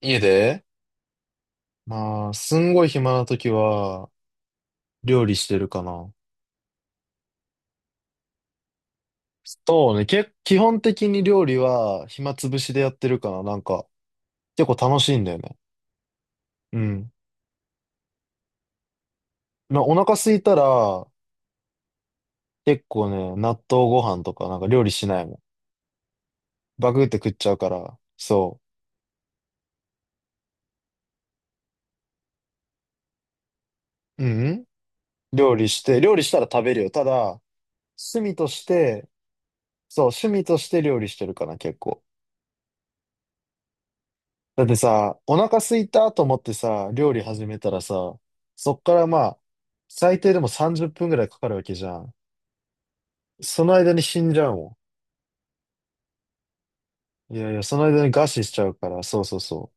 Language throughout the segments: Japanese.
家ですんごい暇な時は、料理してるかな。そうね、基本的に料理は暇つぶしでやってるかな。結構楽しいんだよね。うん。まあ、お腹空いたら、結構ね、納豆ご飯とかなんか料理しないもん。バクって食っちゃうから、そう。うん。料理して、料理したら食べるよ。ただ、趣味として、そう、趣味として料理してるかな、結構。だってさ、お腹空いたと思ってさ、料理始めたらさ、そっからまあ、最低でも30分ぐらいかかるわけじゃん。その間に死んじゃうもん。いやいや、その間に餓死しちゃうから、そうそうそ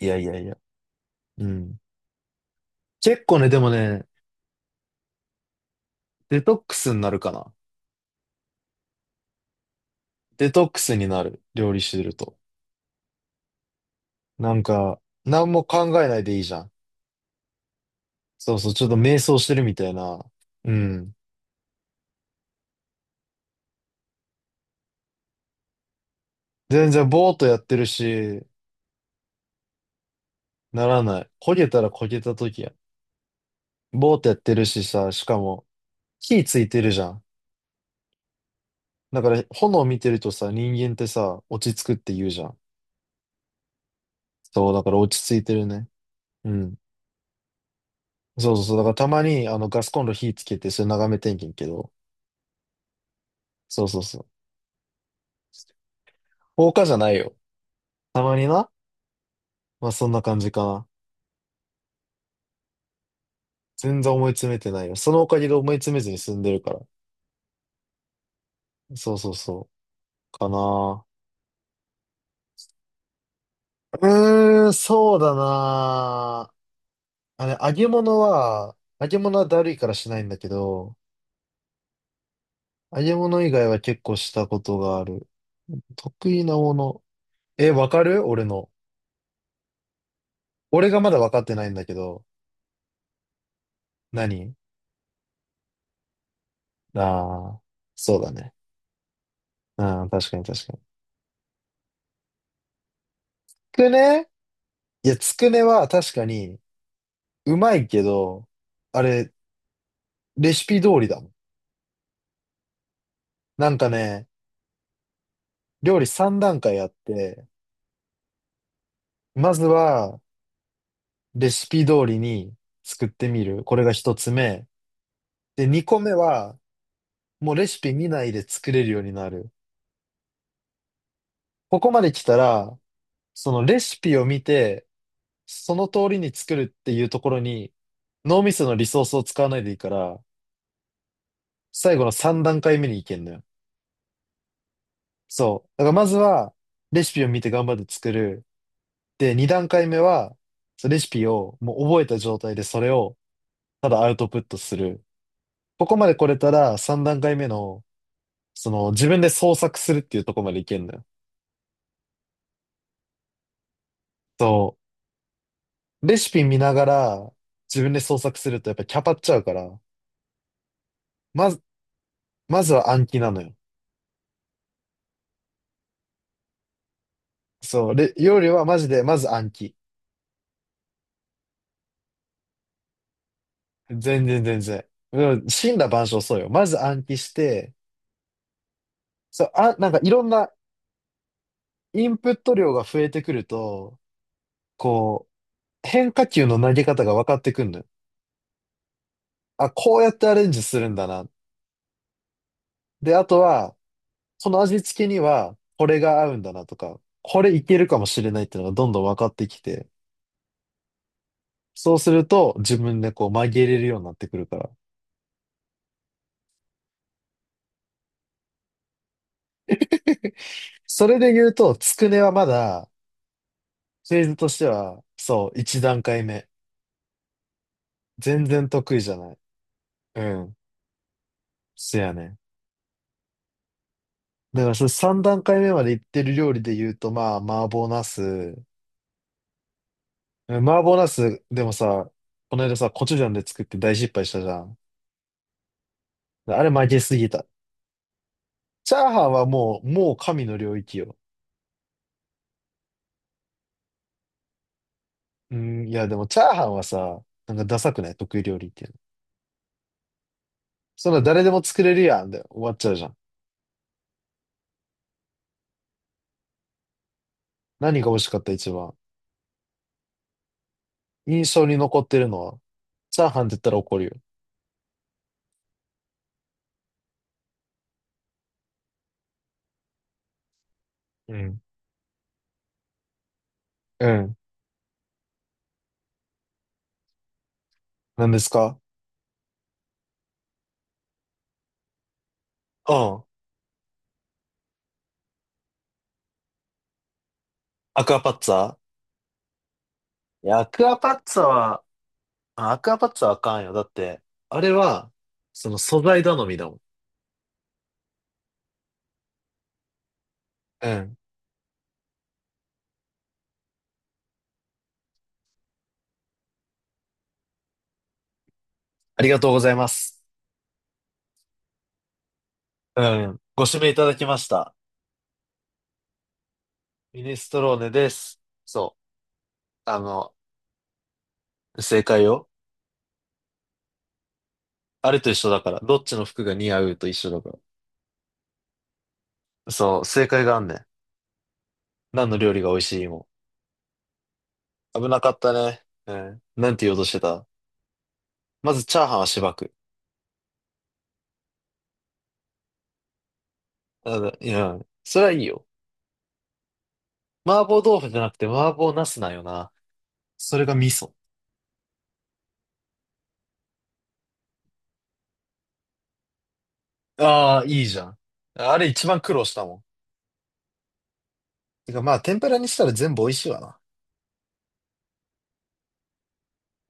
う。いやいやいや。うん。結構ね、でもね、デトックスになるかな。デトックスになる。料理してると。なんか、何も考えないでいいじゃん。そうそう、ちょっと瞑想してるみたいな。うん。全然ぼーっとやってるし、ならない。焦げたら焦げた時ボーってやってるしさ、しかも火ついてるじゃん。だから炎見てるとさ、人間ってさ、落ち着くって言うじゃん。そう、だから落ち着いてるね。うん。そうそうそう。だからたまにあのガスコンロ火つけて、それ眺めてんけんけど。そうそうそう。放火じゃないよ。たまにな。まあそんな感じかな。全然思い詰めてないよ。そのおかげで思い詰めずに済んでるから。そうそうそう。かな。そうだな。あれ、揚げ物はだるいからしないんだけど、揚げ物以外は結構したことがある。得意なもの。え、わかる俺の。俺がまだわかってないんだけど。何？ああー、そうだね。うん、確かに確かに。つくね？いや、つくねは確かにうまいけど、あれ、レシピ通りだもん。なんかね、料理3段階あって、まずはレシピ通りに作ってみる。これが1つ目。で、2個目はもうレシピ見ないで作れるようになる。ここまで来たら、そのレシピを見て、その通りに作るっていうところに、脳みそのリソースを使わないでいいから、最後の3段階目に行けんのよ。そう。だからまずは、レシピを見て頑張って作る。で、2段階目は、そのレシピをもう覚えた状態でそれをただアウトプットする。ここまで来れたら3段階目の、その自分で創作するっていうところまでいけんのよ。そう。レシピ見ながら自分で創作するとやっぱキャパっちゃうから、まず、まずは暗記なのよ。そう、で、料理はマジで、まず暗記。全然全然。うん、森羅万象そうよ。まず暗記して、そう、あ、なんかいろんなインプット量が増えてくると、こう、変化球の投げ方が分かってくるのよ。あ、こうやってアレンジするんだな。で、あとは、その味付けには、これが合うんだなとか、これいけるかもしれないっていうのがどんどん分かってきて、そうすると自分でこう曲げれるようになってくるから。それで言うと、つくねはまだ、フェーズとしては、そう、一段階目。全然得意じゃない。うん。せやねん。だからそれ三段階目まで行ってる料理で言うと、まあ、麻婆茄子。うん、麻婆茄子、でもさ、この間さ、コチュジャンで作って大失敗したじゃん。あれ負けすぎた。チャーハンはもう神の領域よ。うん、いやでもチャーハンはさ、なんかダサくない？得意料理っていうの。そんな誰でも作れるやんで終わっちゃうじゃん。何が美味しかった一番？印象に残ってるのは、チャーハンって言ったら怒るよ。うん。うん、何ですか？うん。アクアパッツァ？いや、アクアパッツァは、あ、アクアパッツァはあかんよ。だって、あれは、その素材頼みだもん。うん。ありがとうございます。うん。ご指名いただきました。ミネストローネです。そう。あの、正解よ。あれと一緒だから。どっちの服が似合うと一緒だから。そう、正解があんねん。何の料理が美味しいも。危なかったね。うん。なんて言おうとしてた？まず、チャーハンはしばく。あいや、それはいいよ。麻婆豆腐じゃなくて麻婆茄子なんよな。それが味噌。ああ、いいじゃん。あれ一番苦労したもん。てかまあ、天ぷらにしたら全部美味しいわな。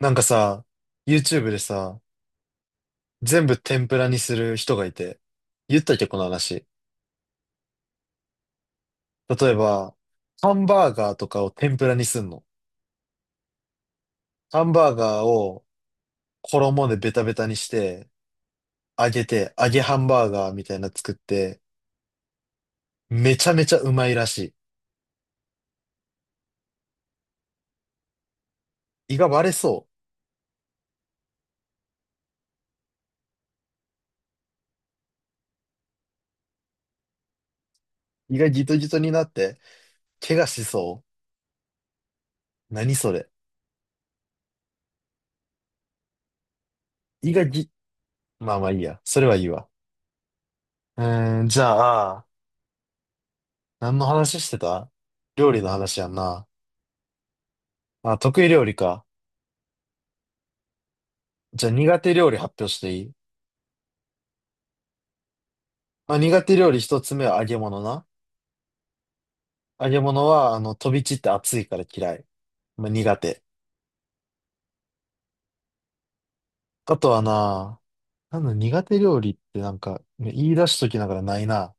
なんかさ、YouTube でさ、全部天ぷらにする人がいて、言ったっけ、この話。例えば、ハンバーガーとかを天ぷらにすんの。ハンバーガーを衣でベタベタにして、揚げて、揚げハンバーガーみたいなの作って、めちゃめちゃうまいらしい。胃が割れそう。胃がギトギトになって、怪我しそう。何それ？胃がぎ、まあ、いいや。それはいいわ。じゃあ、何の話してた？料理の話やんな。あ、得意料理か。じゃあ苦手料理発表していい？まあ苦手料理一つ目は揚げ物な。揚げ物は、あの、飛び散って熱いから嫌い。まあ苦手。あとはな、なんだ、苦手料理ってなんか、ね、言い出しときながらないな。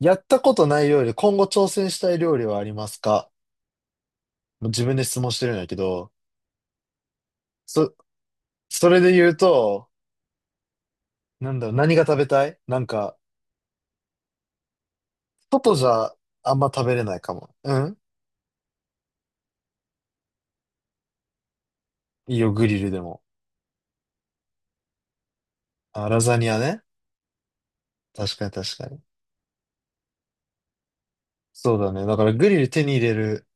やったことない料理、今後挑戦したい料理はありますか？もう自分で質問してるんだけど、そ、それで言うと、なんだろう、何が食べたい？なんか、外じゃあんま食べれないかも。うん、いいよ、グリルでも。あ、ラザニアね。確かに確かに。そうだね。だからグリル手に入れる、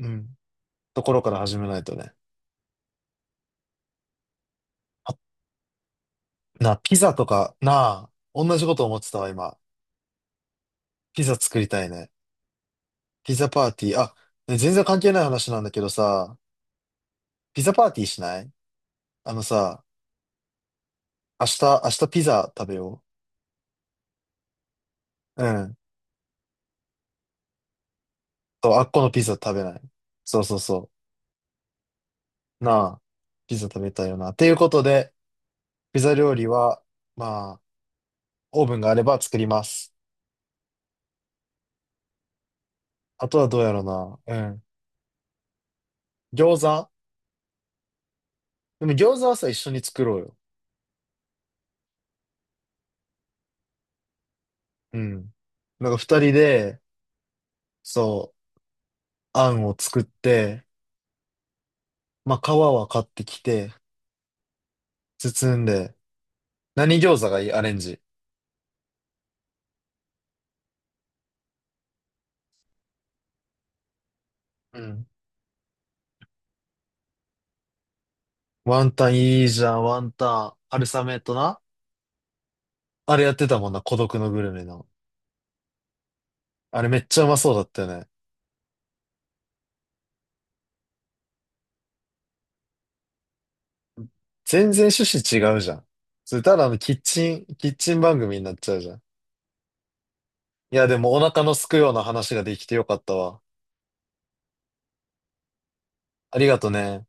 うん、ところから始めないとね。あ、ピザとか、なあ、同じこと思ってたわ、今。ピザ作りたいね。ピザパーティー。あ、ね、全然関係ない話なんだけどさ、ピザパーティーしない？あのさ、明日ピザ食べよう。うん。そう、あっこのピザ食べない？そうそうそう。なあ、ピザ食べたいよな。ということで、ピザ料理は、まあ、オーブンがあれば作ります。あとはどうやろうな。うん。餃子？でも餃子はさ、一緒に作ろうよ。うん。なんか二人で、そう、あんを作って、まあ、皮は買ってきて、包んで、何餃子がいい？アレンジ。うん。ワンタンいいじゃん、ワンタン。春雨とな。あれやってたもんな、孤独のグルメの。あれめっちゃうまそうだったよね。全然趣旨違うじゃん。それただのキッチン番組になっちゃうじゃん。いや、でもお腹のすくような話ができてよかったわ。ありがとね。